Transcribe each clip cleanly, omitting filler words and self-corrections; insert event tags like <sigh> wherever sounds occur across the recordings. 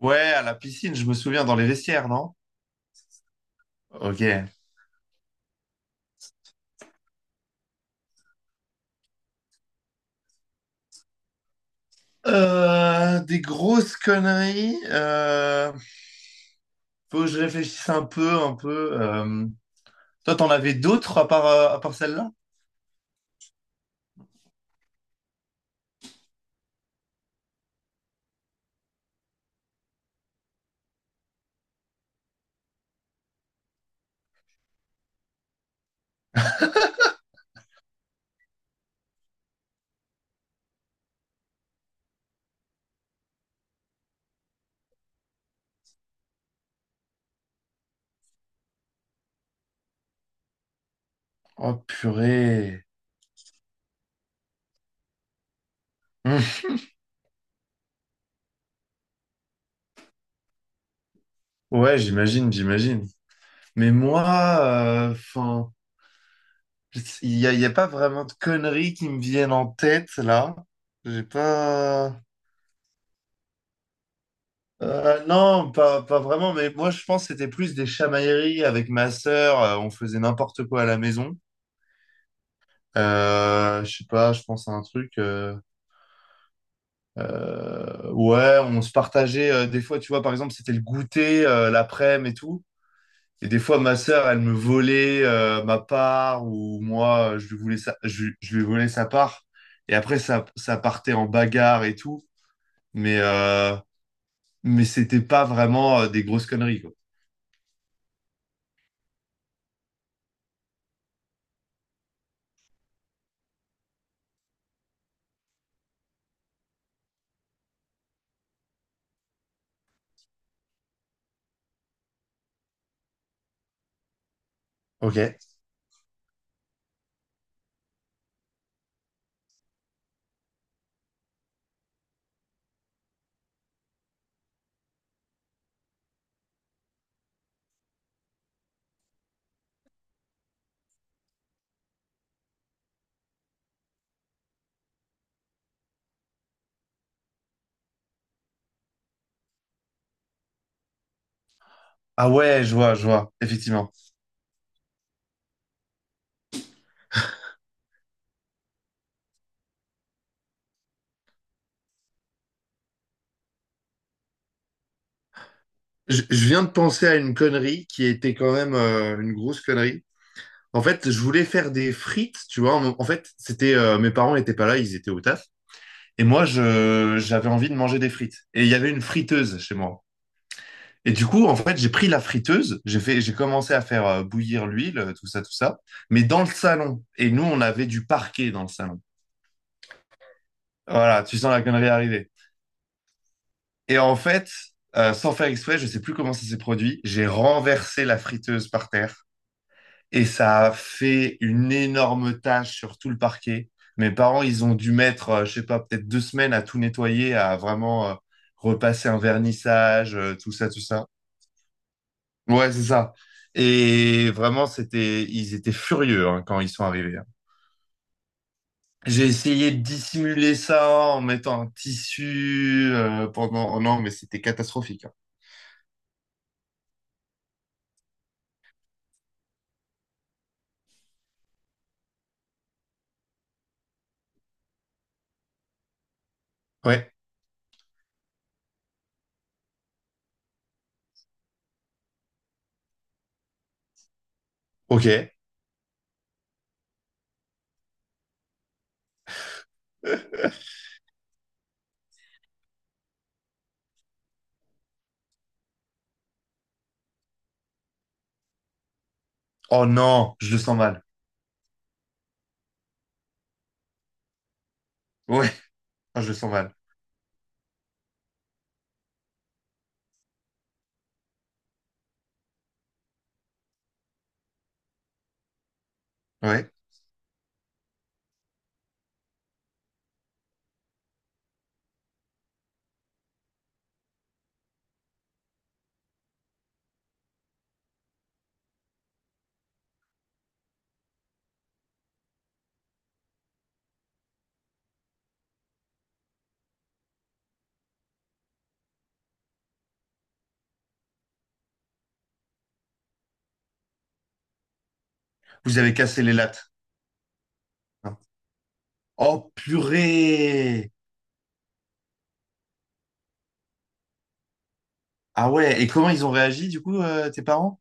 Ouais, à la piscine, je me souviens, dans les vestiaires, non? Ok. Des grosses conneries. Faut que je réfléchisse un peu. Toi, t'en avais d'autres à part celle-là? Oh, purée. Hum. Ouais, j'imagine, j'imagine. Mais moi, enfin, y a pas vraiment de conneries qui me viennent en tête, là. J'ai pas... Non, pas vraiment, mais moi je pense que c'était plus des chamailleries avec ma sœur, on faisait n'importe quoi à la maison. Je sais pas, je pense à un truc. Ouais, on se partageait des fois, tu vois, par exemple, c'était le goûter l'après-midi et tout. Et des fois, ma sœur, elle me volait ma part ou moi, je lui volais sa part. Et après, ça partait en bagarre et tout. Mais, euh, mais c'était pas vraiment des grosses conneries, quoi. Ok. Ah ouais, je vois, effectivement. Je viens de penser à une connerie qui était quand même une grosse connerie. En fait, je voulais faire des frites, tu vois. En fait, c'était mes parents n'étaient pas là, ils étaient au taf. Et moi, j'avais envie de manger des frites. Et il y avait une friteuse chez moi. Et du coup, en fait, j'ai pris la friteuse, j'ai commencé à faire bouillir l'huile, tout ça, mais dans le salon. Et nous, on avait du parquet dans le salon. Voilà, tu sens la connerie arriver. Et en fait, sans faire exprès, je sais plus comment ça s'est produit, j'ai renversé la friteuse par terre et ça a fait une énorme tache sur tout le parquet. Mes parents, ils ont dû mettre, je sais pas, peut-être deux semaines à tout nettoyer, à vraiment repasser un vernissage, tout ça, tout ça. Ouais, c'est ça. Et vraiment, ils étaient furieux hein, quand ils sont arrivés, hein. J'ai essayé de dissimuler ça en mettant un tissu pendant. Oh non, mais c'était catastrophique, hein. Ouais. Ok. <laughs> Oh non, je le sens mal. Ouais, <laughs> oh, je le sens mal. Ouais. Vous avez cassé les lattes. Non. Oh purée! Ah ouais, et comment ils ont réagi du coup, tes parents?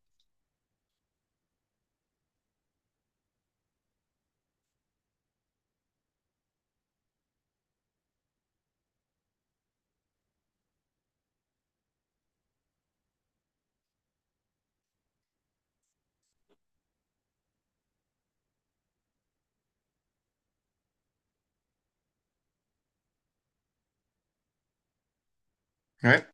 Ouais,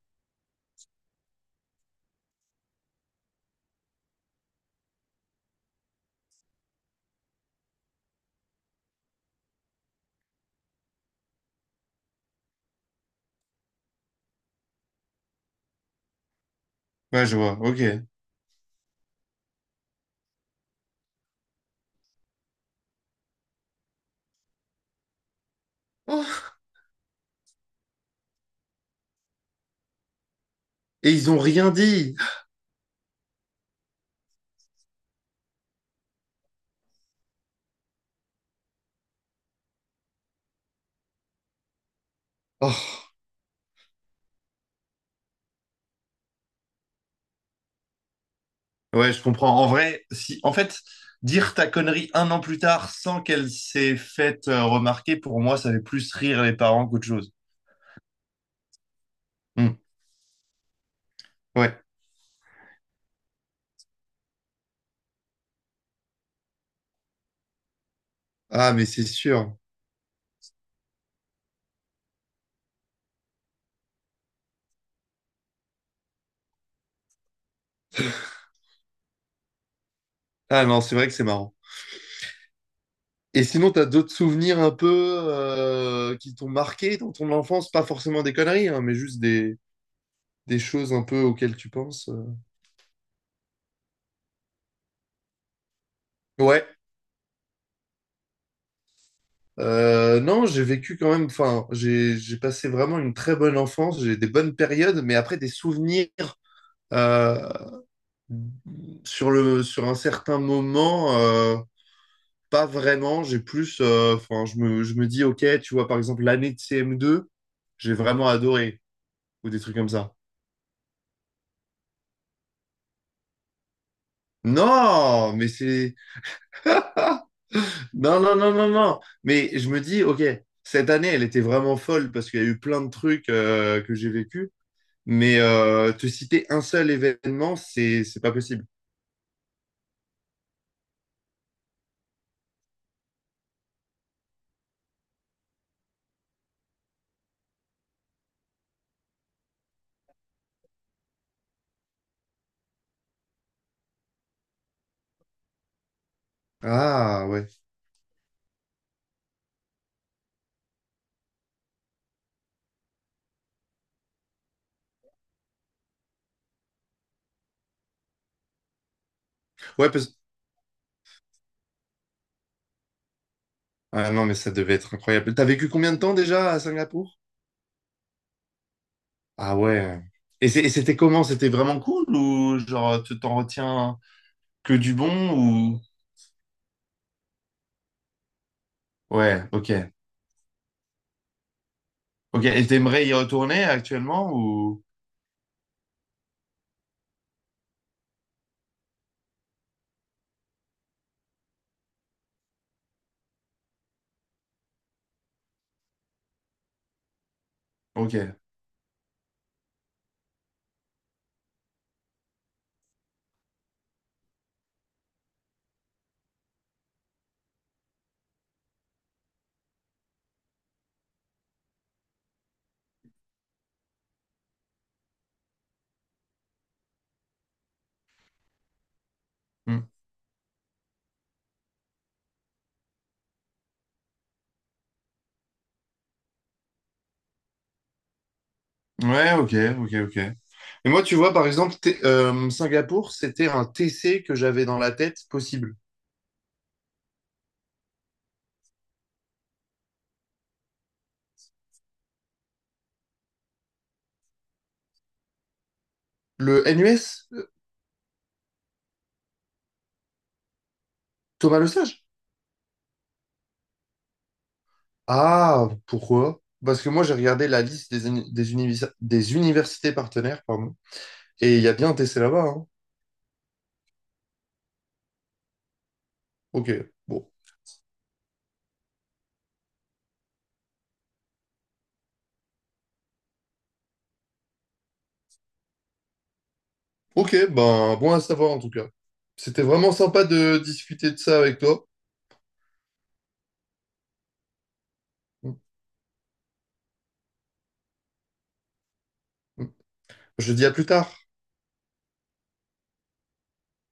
ouais, je vois, ok. Oh. Et ils ont rien dit. Oh. Ouais, je comprends. En vrai, si, en fait, dire ta connerie un an plus tard sans qu'elle s'est faite remarquer, pour moi, ça fait plus rire les parents qu'autre chose. Hmm, ouais. Ah, mais c'est sûr. Ah non, c'est vrai que c'est marrant. Et sinon, t'as d'autres souvenirs un peu qui t'ont marqué dans ton enfance? Pas forcément des conneries, hein, mais juste des choses un peu auxquelles tu penses. Ouais. Non, j'ai vécu quand même. Enfin, j'ai passé vraiment une très bonne enfance. J'ai des bonnes périodes, mais après des souvenirs. euh, Sur le, sur un certain moment, pas vraiment. J'ai plus, enfin, je me dis, ok, tu vois, par exemple, l'année de CM2, j'ai vraiment adoré, ou des trucs comme ça. Non, mais c'est, ah, non, non, non, non, non. Mais je me dis, ok, cette année, elle était vraiment folle parce qu'il y a eu plein de trucs que j'ai vécu. Mais te citer un seul événement, c'est pas possible. Ah ouais, ouais parce, ah non, mais ça devait être incroyable. T'as vécu combien de temps déjà à Singapour? Ah ouais. Et c'était comment? C'était vraiment cool ou genre tu t'en retiens que du bon ou... Ouais, ok. Ok, et t'aimerais y retourner actuellement ou... Ok. Hmm. Ouais, ok, ok, ok. Et moi, tu vois, par exemple, Singapour, c'était un TC que j'avais dans la tête possible. Le NUS, Thomas Le Sage. Ah, pourquoi? Parce que moi, j'ai regardé la liste des universités partenaires, pardon, et il y a bien un TC là-bas, hein. Ok, bon. Ok, ben bon à savoir en tout cas. C'était vraiment sympa de discuter de ça avec toi. Je dis à plus tard.